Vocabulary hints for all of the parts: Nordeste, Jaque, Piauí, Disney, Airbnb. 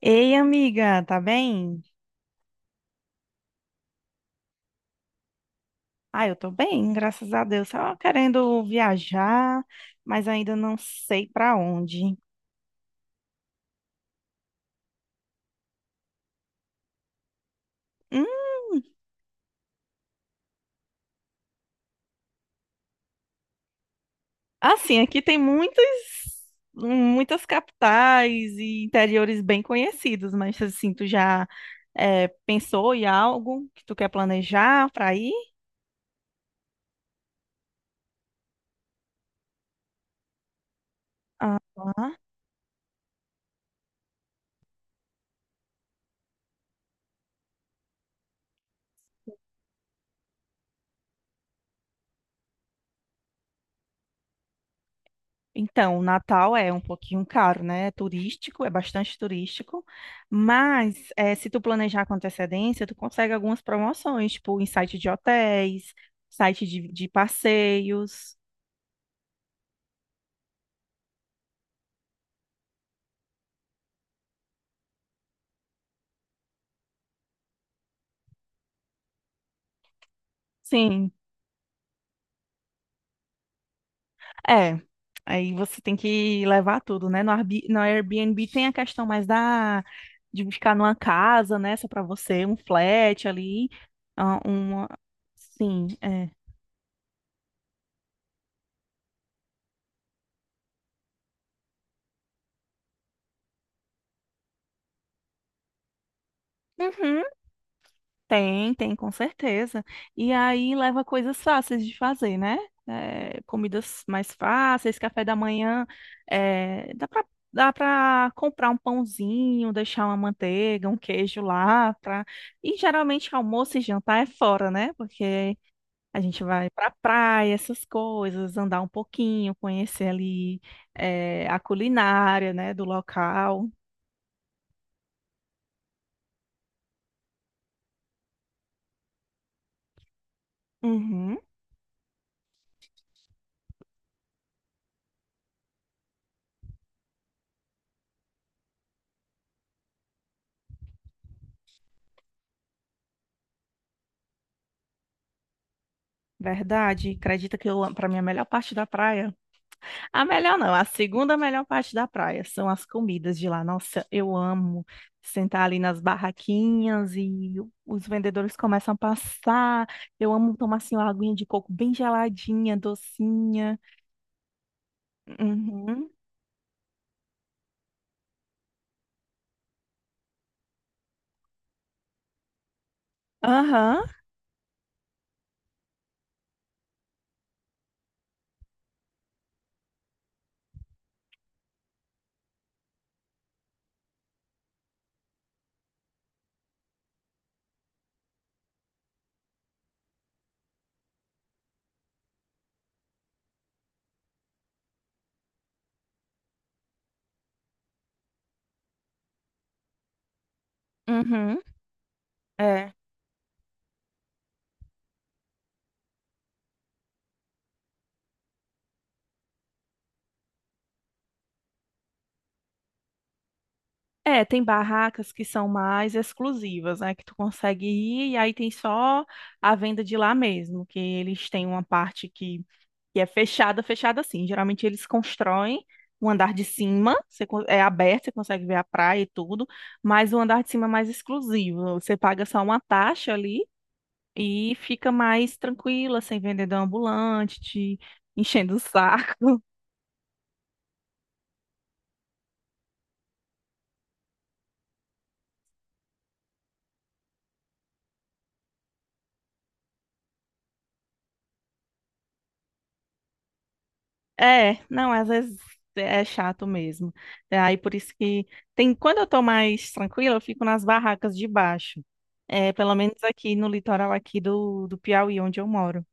Ei, amiga, tá bem? Ah, eu tô bem, graças a Deus. Só querendo viajar, mas ainda não sei pra onde. Hum, assim, aqui tem muitas capitais e interiores bem conhecidos, mas assim, tu já pensou em algo que tu quer planejar pra ir? Ah. Então, o Natal é um pouquinho caro, né? É turístico, é bastante turístico, mas se tu planejar com antecedência, tu consegue algumas promoções, tipo em site de hotéis, site de passeios. Sim, é. Aí você tem que levar tudo, né? No Airbnb tem a questão mais da de ficar numa casa, né? Só para você, um flat ali, ah, uma, sim, é. Uhum. Tem, tem, com certeza. E aí leva coisas fáceis de fazer, né? É, comidas mais fáceis, café da manhã, é, dá para comprar um pãozinho, deixar uma manteiga, um queijo lá, pra... E geralmente almoço e jantar é fora, né? Porque a gente vai para praia, essas coisas, andar um pouquinho, conhecer ali é, a culinária, né, do local. Uhum, verdade. Acredita que eu para mim a melhor parte da praia. A melhor não, a segunda melhor parte da praia são as comidas de lá. Nossa, eu amo sentar ali nas barraquinhas e os vendedores começam a passar. Eu amo tomar assim uma aguinha de coco bem geladinha, docinha. Uhum. Aham. Uhum. É. É, tem barracas que são mais exclusivas, né? Que tu consegue ir e aí tem só a venda de lá mesmo, que eles têm uma parte que é fechada, fechada assim. Geralmente eles constroem o andar de cima, você é aberto, você consegue ver a praia e tudo, mas o andar de cima é mais exclusivo. Você paga só uma taxa ali e fica mais tranquila, sem vendedor ambulante, te enchendo o saco. É, não, às vezes é chato mesmo. É, aí por isso que tem, quando eu tô mais tranquila, eu fico nas barracas de baixo. É, pelo menos aqui no litoral aqui do Piauí, onde eu moro.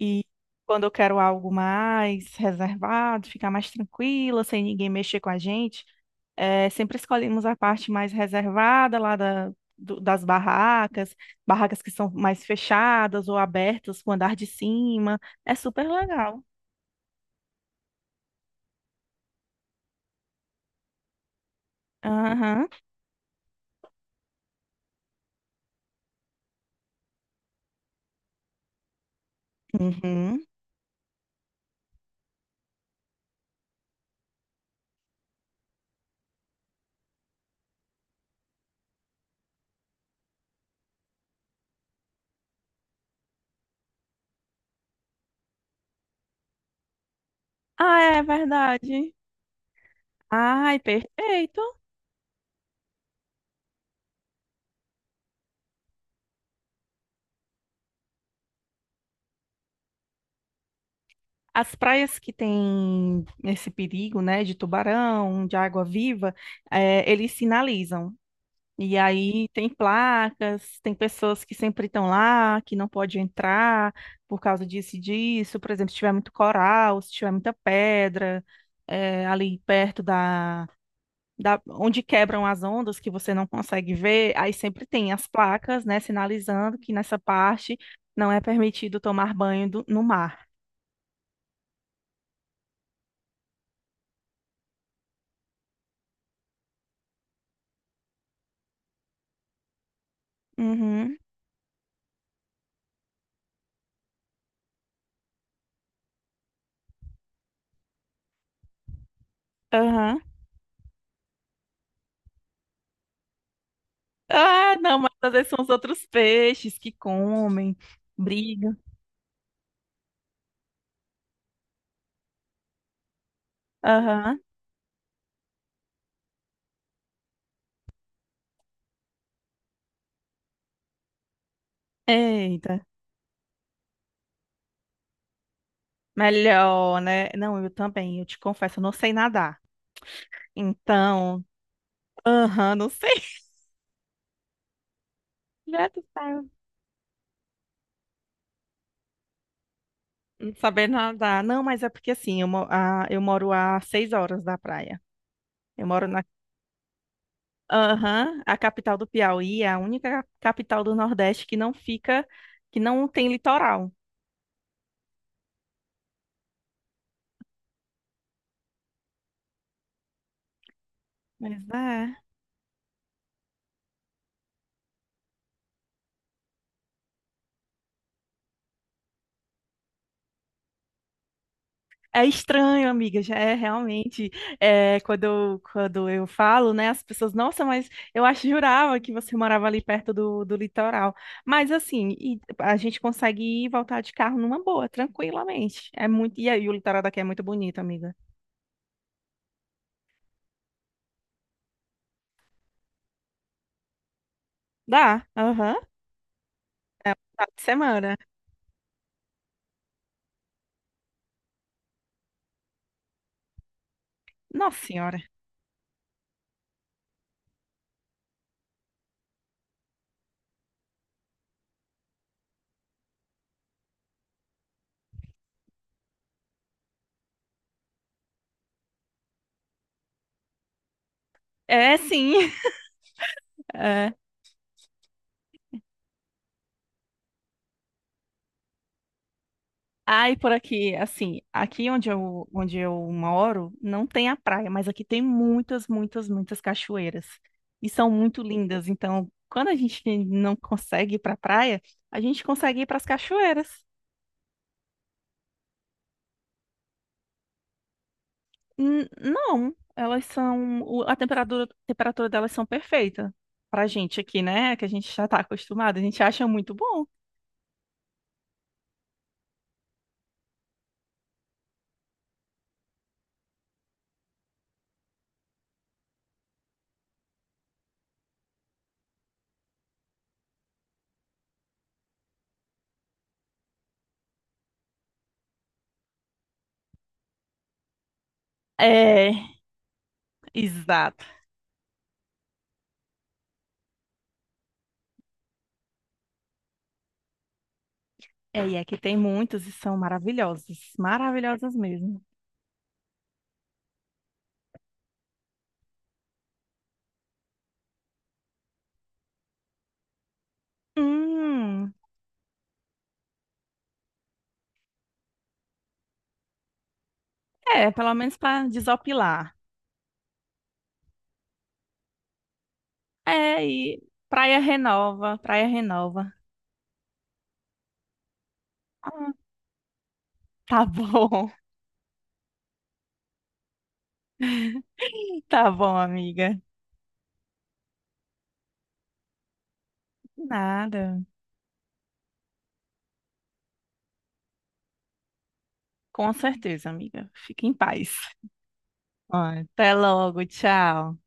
E quando eu quero algo mais reservado, ficar mais tranquila, sem ninguém mexer com a gente, sempre escolhemos a parte mais reservada lá das barracas, barracas que são mais fechadas ou abertas com o andar de cima. É super legal. Aham. Uhum. Ah, é verdade. Ai, perfeito. As praias que têm esse perigo, né, de tubarão, de água-viva, eles sinalizam. E aí tem placas, tem pessoas que sempre estão lá, que não pode entrar por causa disso e disso. Por exemplo, se tiver muito coral, se tiver muita pedra, ali perto da, da onde quebram as ondas que você não consegue ver, aí sempre tem as placas, né, sinalizando que nessa parte não é permitido tomar banho no mar. Uhum, aham. Ah, não, mas às vezes são os outros peixes que comem, brigam. Aham. Eita. Melhor, né? Não, eu também, eu te confesso, eu não sei nadar. Então, aham, não sei. Mulher do céu, não saber nadar. Não, mas é porque assim, eu moro a 6 horas da praia. Eu moro na. Aham, a capital do Piauí é a única capital do Nordeste que não fica, que não tem litoral. Mas é. É estranho, amiga, já é realmente. É, quando eu falo, né, as pessoas, nossa, mas eu acho jurava que você morava ali perto do litoral. Mas assim, e a gente consegue ir e voltar de carro numa boa, tranquilamente. É muito, e aí o litoral daqui é muito bonito, amiga. Dá, aham, é um final de semana. Nossa senhora. É sim. Ai, por aqui, assim, onde eu moro, não tem a praia, mas aqui tem muitas cachoeiras. E são muito lindas. Então, quando a gente não consegue ir pra praia, a gente consegue ir para as cachoeiras. Não, elas são. Temperatura delas são perfeita. Pra gente aqui, né? Que a gente já tá acostumado, a gente acha muito bom. É, exato. É, e aqui tem muitas e são maravilhosas. Maravilhosas mesmo. Hum. É, pelo menos pra desopilar. É, e praia renova, praia renova. Ah, tá bom. Tá bom, amiga. Nada. Com certeza, amiga. Fique em paz. Ó, até logo, tchau.